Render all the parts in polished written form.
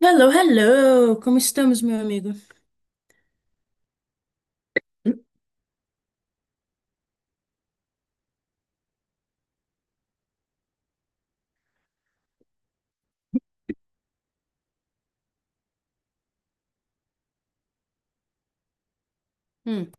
Hello, hello! Como estamos, meu amigo? Hum.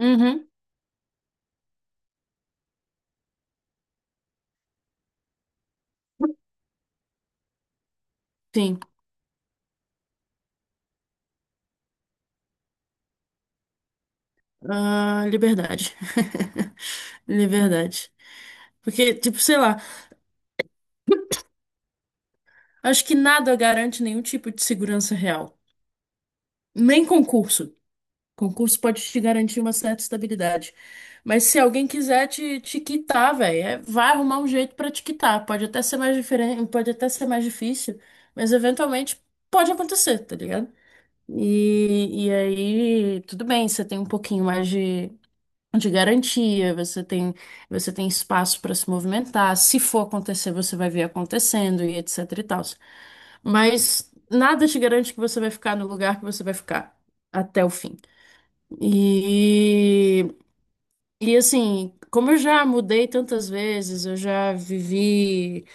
Uhum. Sim, ah, liberdade. Liberdade. Porque, tipo, sei lá, acho que nada garante nenhum tipo de segurança real. Nem concurso. Concurso pode te garantir uma certa estabilidade. Mas se alguém quiser te quitar, velho, vai arrumar um jeito pra te quitar. Pode até ser mais diferente, pode até ser mais difícil, mas eventualmente pode acontecer, tá ligado? E aí, tudo bem, você tem um pouquinho mais de garantia, você tem espaço para se movimentar. Se for acontecer, você vai ver acontecendo e etc e tal. Mas nada te garante que você vai ficar no lugar que você vai ficar até o fim. E, e assim, como eu já mudei tantas vezes, eu já vivi.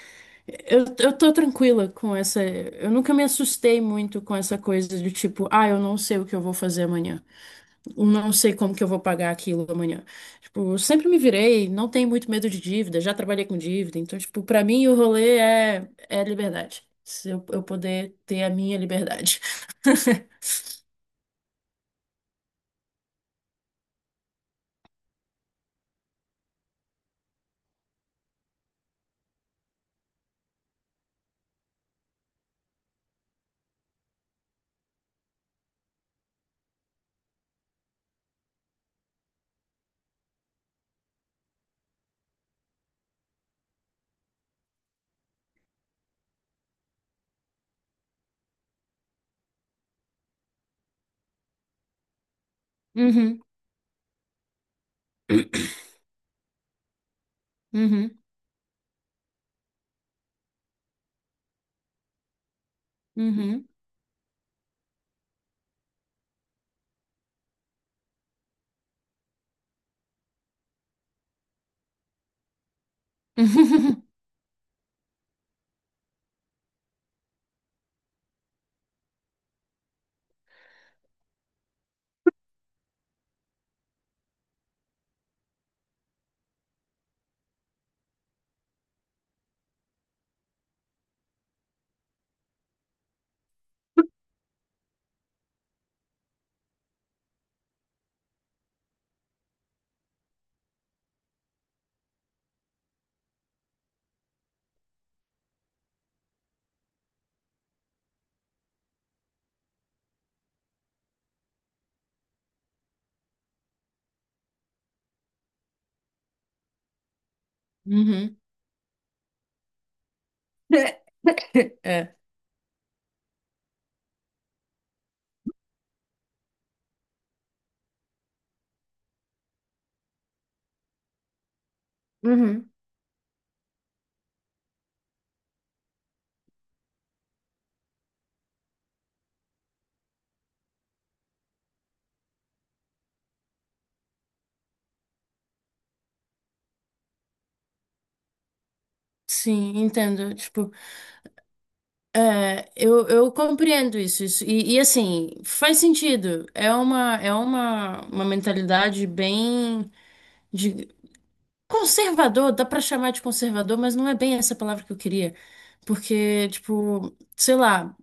Eu tô tranquila com essa. Eu nunca me assustei muito com essa coisa de tipo, ah, eu não sei o que eu vou fazer amanhã um não sei como que eu vou pagar aquilo amanhã. Tipo, eu sempre me virei, não tenho muito medo de dívida, já trabalhei com dívida, então, tipo, pra mim o rolê é, é liberdade. Se eu poder ter a minha liberdade. Uhum, uhum, uhum, uhum. É. Uhum. Sim, entendo. Tipo, é, eu compreendo isso, isso. E, assim, faz sentido. É uma mentalidade bem. Conservador, dá pra chamar de conservador, mas não é bem essa palavra que eu queria. Porque, tipo, sei lá,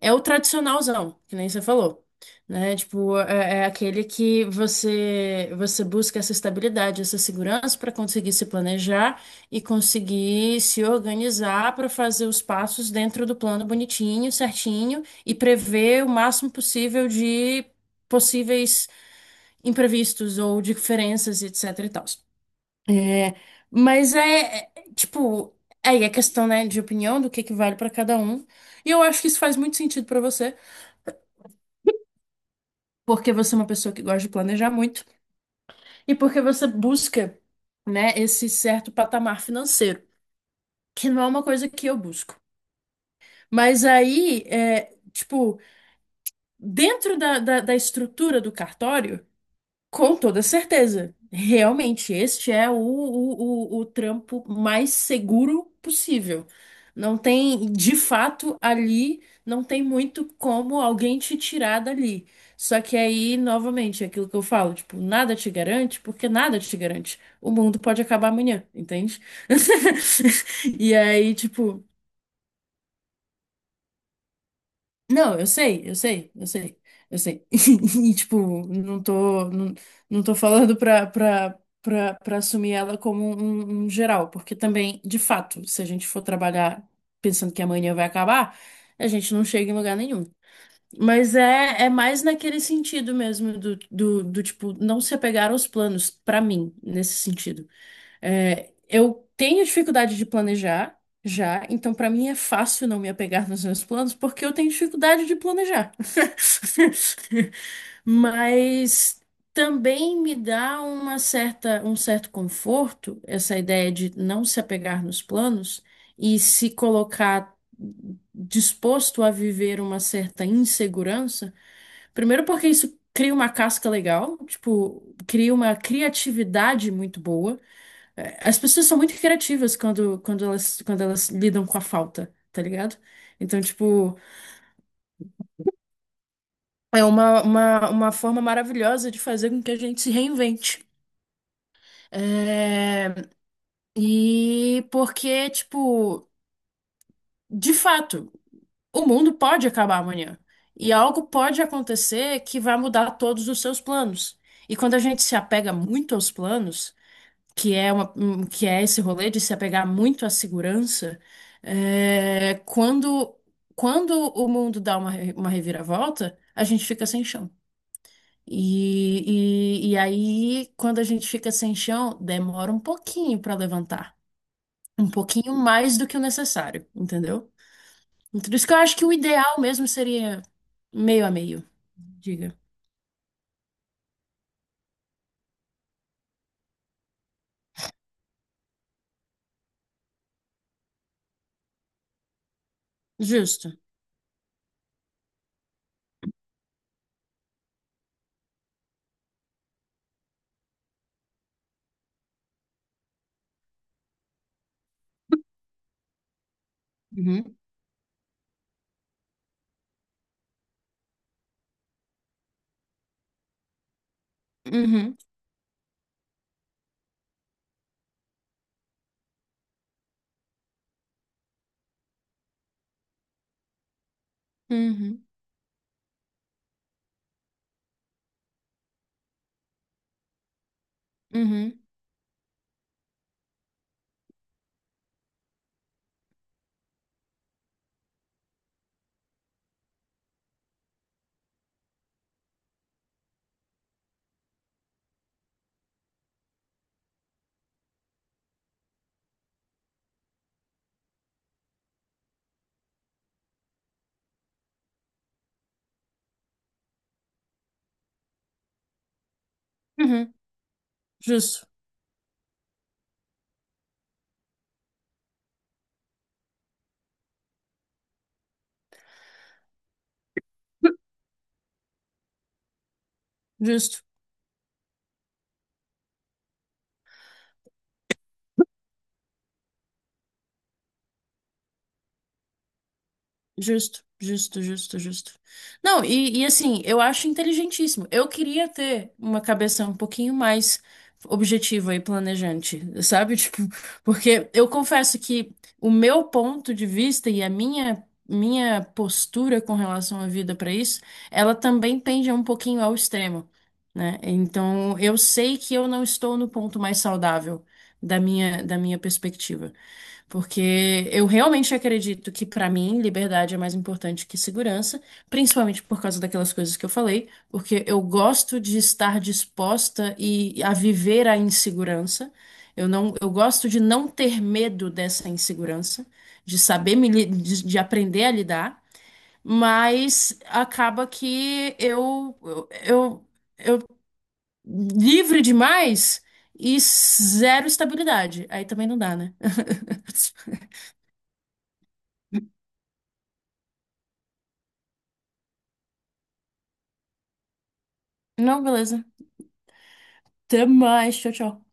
é o tradicionalzão, que nem você falou, né? Tipo, é, é aquele que você busca essa estabilidade, essa segurança para conseguir se planejar e conseguir se organizar para fazer os passos dentro do plano bonitinho, certinho e prever o máximo possível de possíveis imprevistos ou diferenças, etc e tal. Mas é, é, tipo, aí a questão, né, de opinião, do que vale pra cada um. E eu acho que isso faz muito sentido pra você, porque você é uma pessoa que gosta de planejar muito e porque você busca, né, esse certo patamar financeiro, que não é uma coisa que eu busco. Mas aí, é, tipo, dentro da estrutura do cartório, com toda certeza. Realmente, este é o trampo mais seguro possível. Não tem, de fato, ali não tem muito como alguém te tirar dali. Só que aí, novamente, é aquilo que eu falo, tipo, nada te garante, porque nada te garante. O mundo pode acabar amanhã, entende? E aí, tipo, não, eu sei, eu sei, eu sei, eu sei. E, tipo, não tô falando pra assumir ela como um geral, porque também, de fato, se a gente for trabalhar pensando que amanhã vai acabar, a gente não chega em lugar nenhum. Mas é, é mais naquele sentido mesmo, do tipo, não se apegar aos planos, pra mim, nesse sentido. É, eu tenho dificuldade de planejar já, então pra mim é fácil não me apegar nos meus planos, porque eu tenho dificuldade de planejar. Mas também me dá uma certa, um certo conforto essa ideia de não se apegar nos planos e se colocar disposto a viver uma certa insegurança. Primeiro porque isso cria uma casca legal, tipo, cria uma criatividade muito boa é, as pessoas são muito criativas quando, quando elas lidam com a falta, tá ligado? Então, tipo, é uma forma maravilhosa de fazer com que a gente se reinvente. É, e porque, tipo, de fato, o mundo pode acabar amanhã. E algo pode acontecer que vai mudar todos os seus planos. E quando a gente se apega muito aos planos, que é uma, um, que é esse rolê de se apegar muito à segurança, é, quando, quando o mundo dá uma, uma reviravolta, a gente fica sem chão. E aí, quando a gente fica sem chão, demora um pouquinho para levantar. Um pouquinho mais do que o necessário, entendeu? Então, por isso que eu acho que o ideal mesmo seria meio a meio, diga. Justo. Uhum, uhum, uhum, uhum, uhum. Justo, justo. Justo, justo, justo, justo. Não, e assim, eu acho inteligentíssimo. Eu queria ter uma cabeça um pouquinho mais objetiva e planejante, sabe? Tipo, porque eu confesso que o meu ponto de vista e a minha postura com relação à vida para isso, ela também pende um pouquinho ao extremo, né? Então, eu sei que eu não estou no ponto mais saudável da minha perspectiva. Porque eu realmente acredito que, para mim, liberdade é mais importante que segurança, principalmente por causa daquelas coisas que eu falei, porque eu gosto de estar disposta e a viver a insegurança. Eu não, eu gosto de não ter medo dessa insegurança, de saber me, de aprender a lidar, mas acaba que eu livre demais e zero estabilidade. Aí também não dá, né? Não, beleza. Até mais. Tchau, tchau.